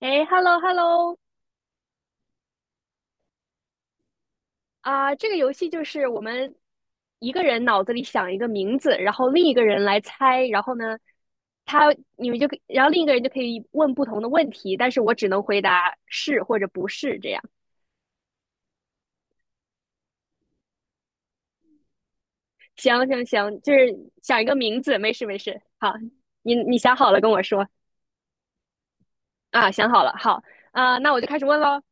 哎，hello hello，这个游戏就是我们一个人脑子里想一个名字，然后另一个人来猜，然后呢，他你们就可以然后另一个人就可以问不同的问题，但是我只能回答是或者不是这样。行行行，就是想一个名字，没事没事。好，你想好了跟我说啊，想好了，好那我就开始问喽。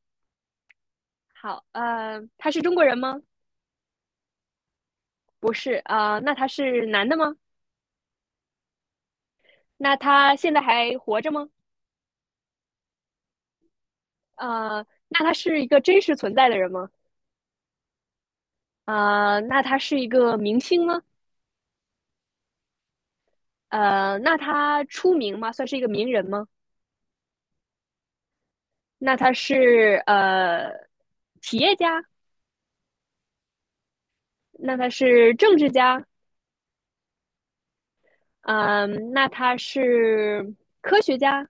好，他是中国人吗？不是那他是男的吗？那他现在还活着吗？那他是一个真实存在的人吗？那他是一个明星吗？那他出名吗？算是一个名人吗？那他是企业家？那他是政治家？嗯、那他是科学家？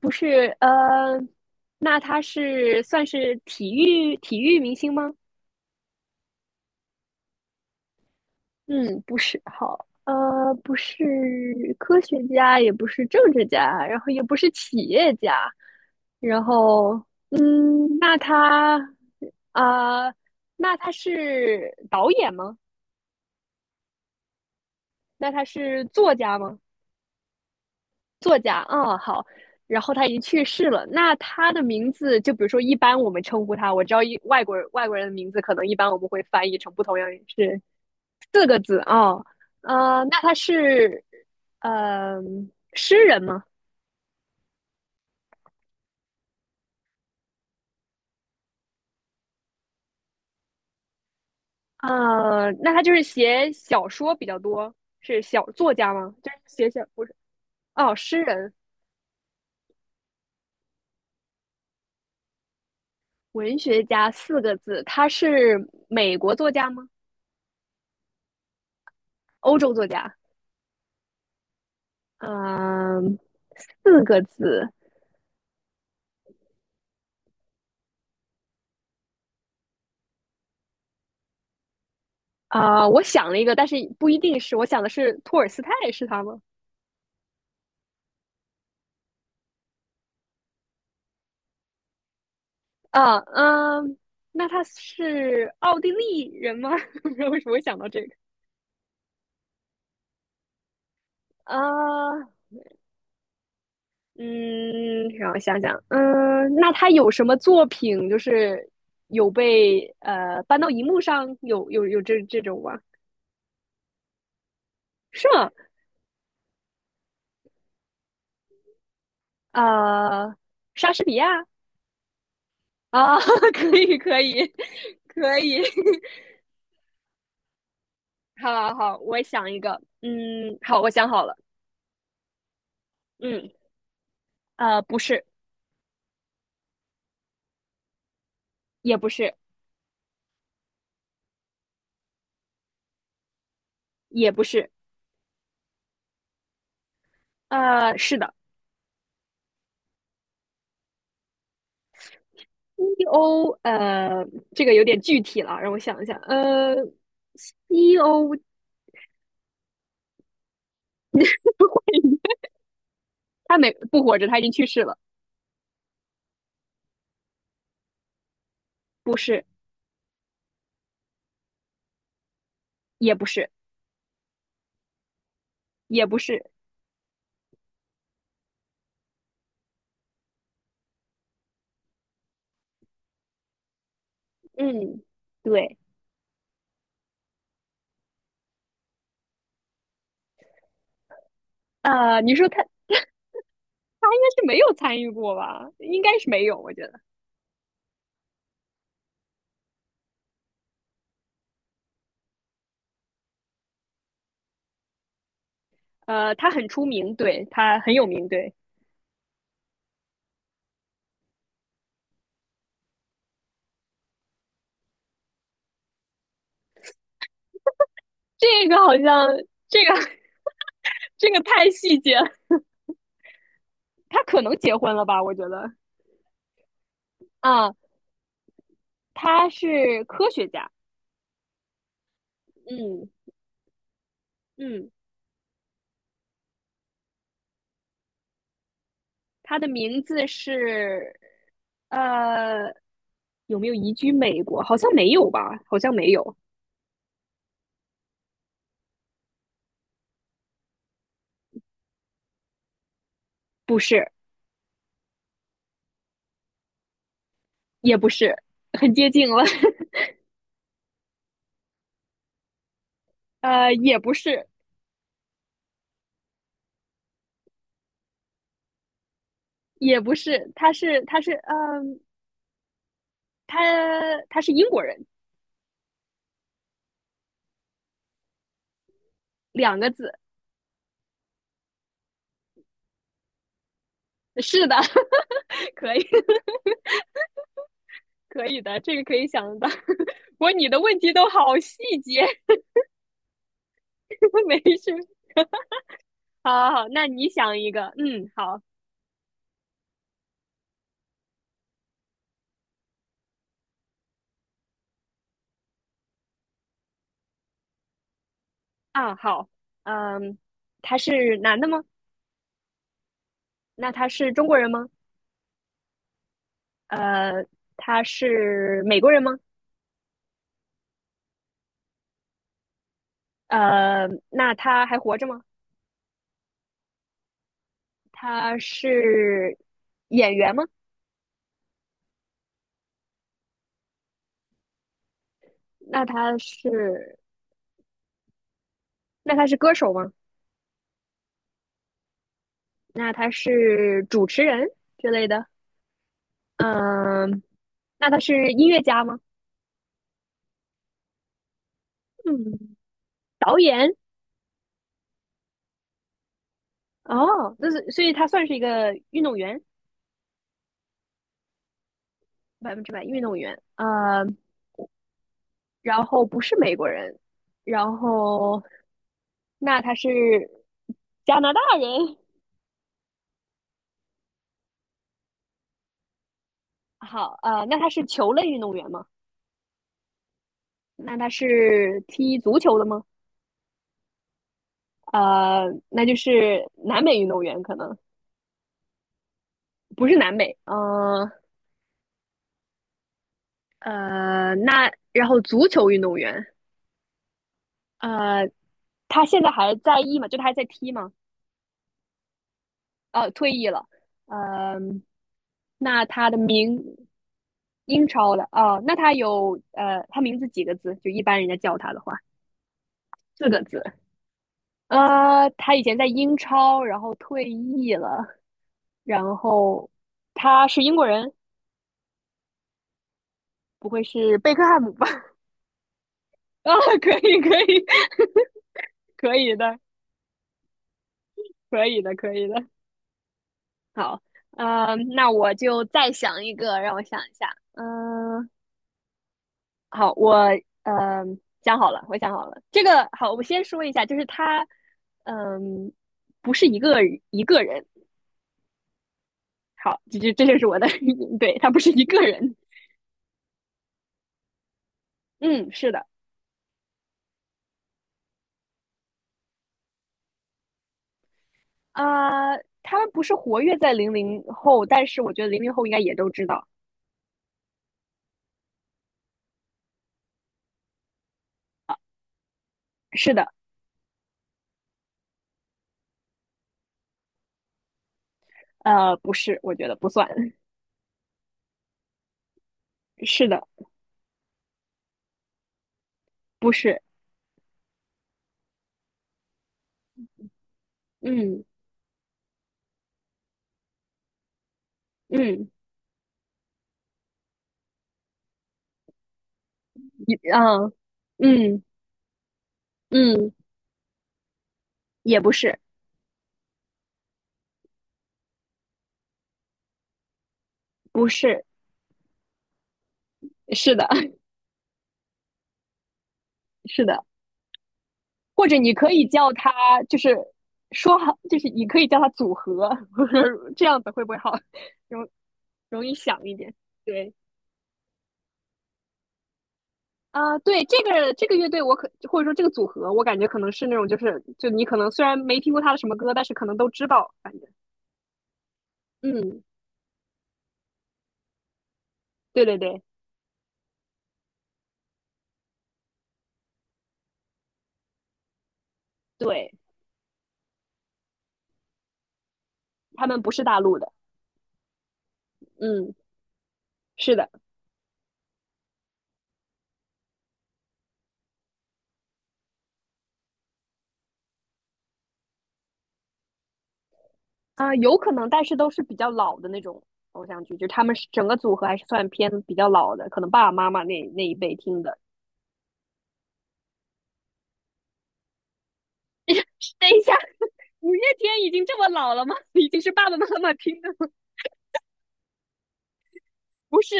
不是，那他是算是体育明星吗？嗯，不是好，呃，不是科学家，也不是政治家，然后也不是企业家，然后，嗯，那他啊、呃那他是导演吗？那他是作家吗？作家，嗯，好，然后他已经去世了。那他的名字，就比如说，一般我们称呼他，我知道一外国人的名字，可能一般我们会翻译成不同样是四个字哦，那他是呃诗人吗？那他就是写小说比较多，是小作家吗？就是写小不是哦，诗人、文学家四个字，他是美国作家吗？欧洲作家？嗯、四个字我想了一个，但是不一定是，我想的是托尔斯泰是他吗？啊，嗯，那他是奥地利人吗？不知道为什么会想到这个。啊，嗯，让我想想，嗯，那他有什么作品就是有被搬到荧幕上，有这种吗？是吗？呃，莎士比亚啊，可以可以可以，好好好，我想一个，嗯，好，我想好了，嗯，不是，也不是，也不是，呃，是的，E O，这个有点具体了，让我想一下，呃，E O，他没不活着，他已经去世了。不是，也不是，也不是，嗯，对，你说他他应该是没有参与过吧？应该是没有，我觉得，他很出名，对，他很有名，对，这个好像这个 这个太细节了他可能结婚了吧？我觉得，啊，他是科学家，嗯嗯，他的名字是呃，有没有移居美国？好像没有吧？好像没有，不是，也不是，很接近了，呃，也不是，也不是，他是嗯，他他是英国人，两个字。是的，可以可以的，这个可以想得到。不过你的问题都好细节，没事。好好好，那你想一个，嗯，好啊，好，嗯，他是男的吗？那他是中国人吗？呃，他是美国人吗？呃，那他还活着吗？他是演员吗？那他是那他是歌手吗？那他是主持人之类的，嗯，那他是音乐家吗？嗯，导演哦，那是所以他算是一个运动员，百分之百运动员。呃，然后不是美国人，然后那他是加拿大人。好，那他是球类运动员吗？那他是踢足球的吗？那就是南美运动员，可能不是南美。嗯呃，那然后足球运动员，呃，他现在还在役吗？就他还在踢吗？呃，退役了。嗯、那他的名英超的哦，那他有他名字几个字？就一般人家叫他的话，四个字。呃，他以前在英超，然后退役了，然后他是英国人，不会是贝克汉姆吧？啊、可以，可以，可以的，可以的，可以的。好，那我就再想一个，让我想一下。嗯、好，我呃想好了，我想好了。这个好，我先说一下，就是他，嗯，不是一个人。好，这就是我的 对，他不是一个人。嗯，是的，啊、他们不是活跃在零零后，但是我觉得零零后应该也都知道。是的，不是，我觉得不算。是的，不是。嗯嗯，一嗯嗯嗯，也不是，不是，是的，是的。或者你可以叫他，就是说好，就是你可以叫他组合，这样子会不会好容容易想一点？对对这个这个乐队我可或者说这个组合，我感觉可能是那种就是就你可能虽然没听过他的什么歌，但是可能都知道，反正嗯，对对对对，他们不是大陆的，嗯，是的呃有可能，但是都是比较老的那种。偶像剧，就是他们是整个组合还是算偏比较老的，可能爸爸妈妈那一辈听的。等一下，五月天已经这么老了吗？已经是爸爸妈妈听的吗不是，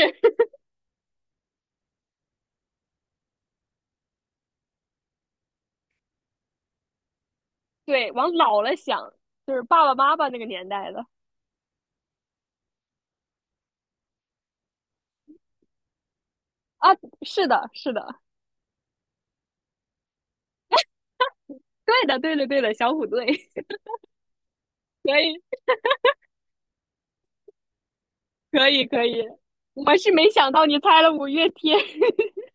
对，往老了想，就是爸爸妈妈那个年代的啊。是的，是的，对的，对的，对的，小虎队，可以，可以，可以。我是没想到你猜了五月天，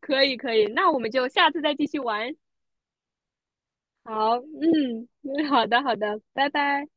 可以，可以。那我们就下次再继续玩。好，嗯，嗯好的，好的，拜拜。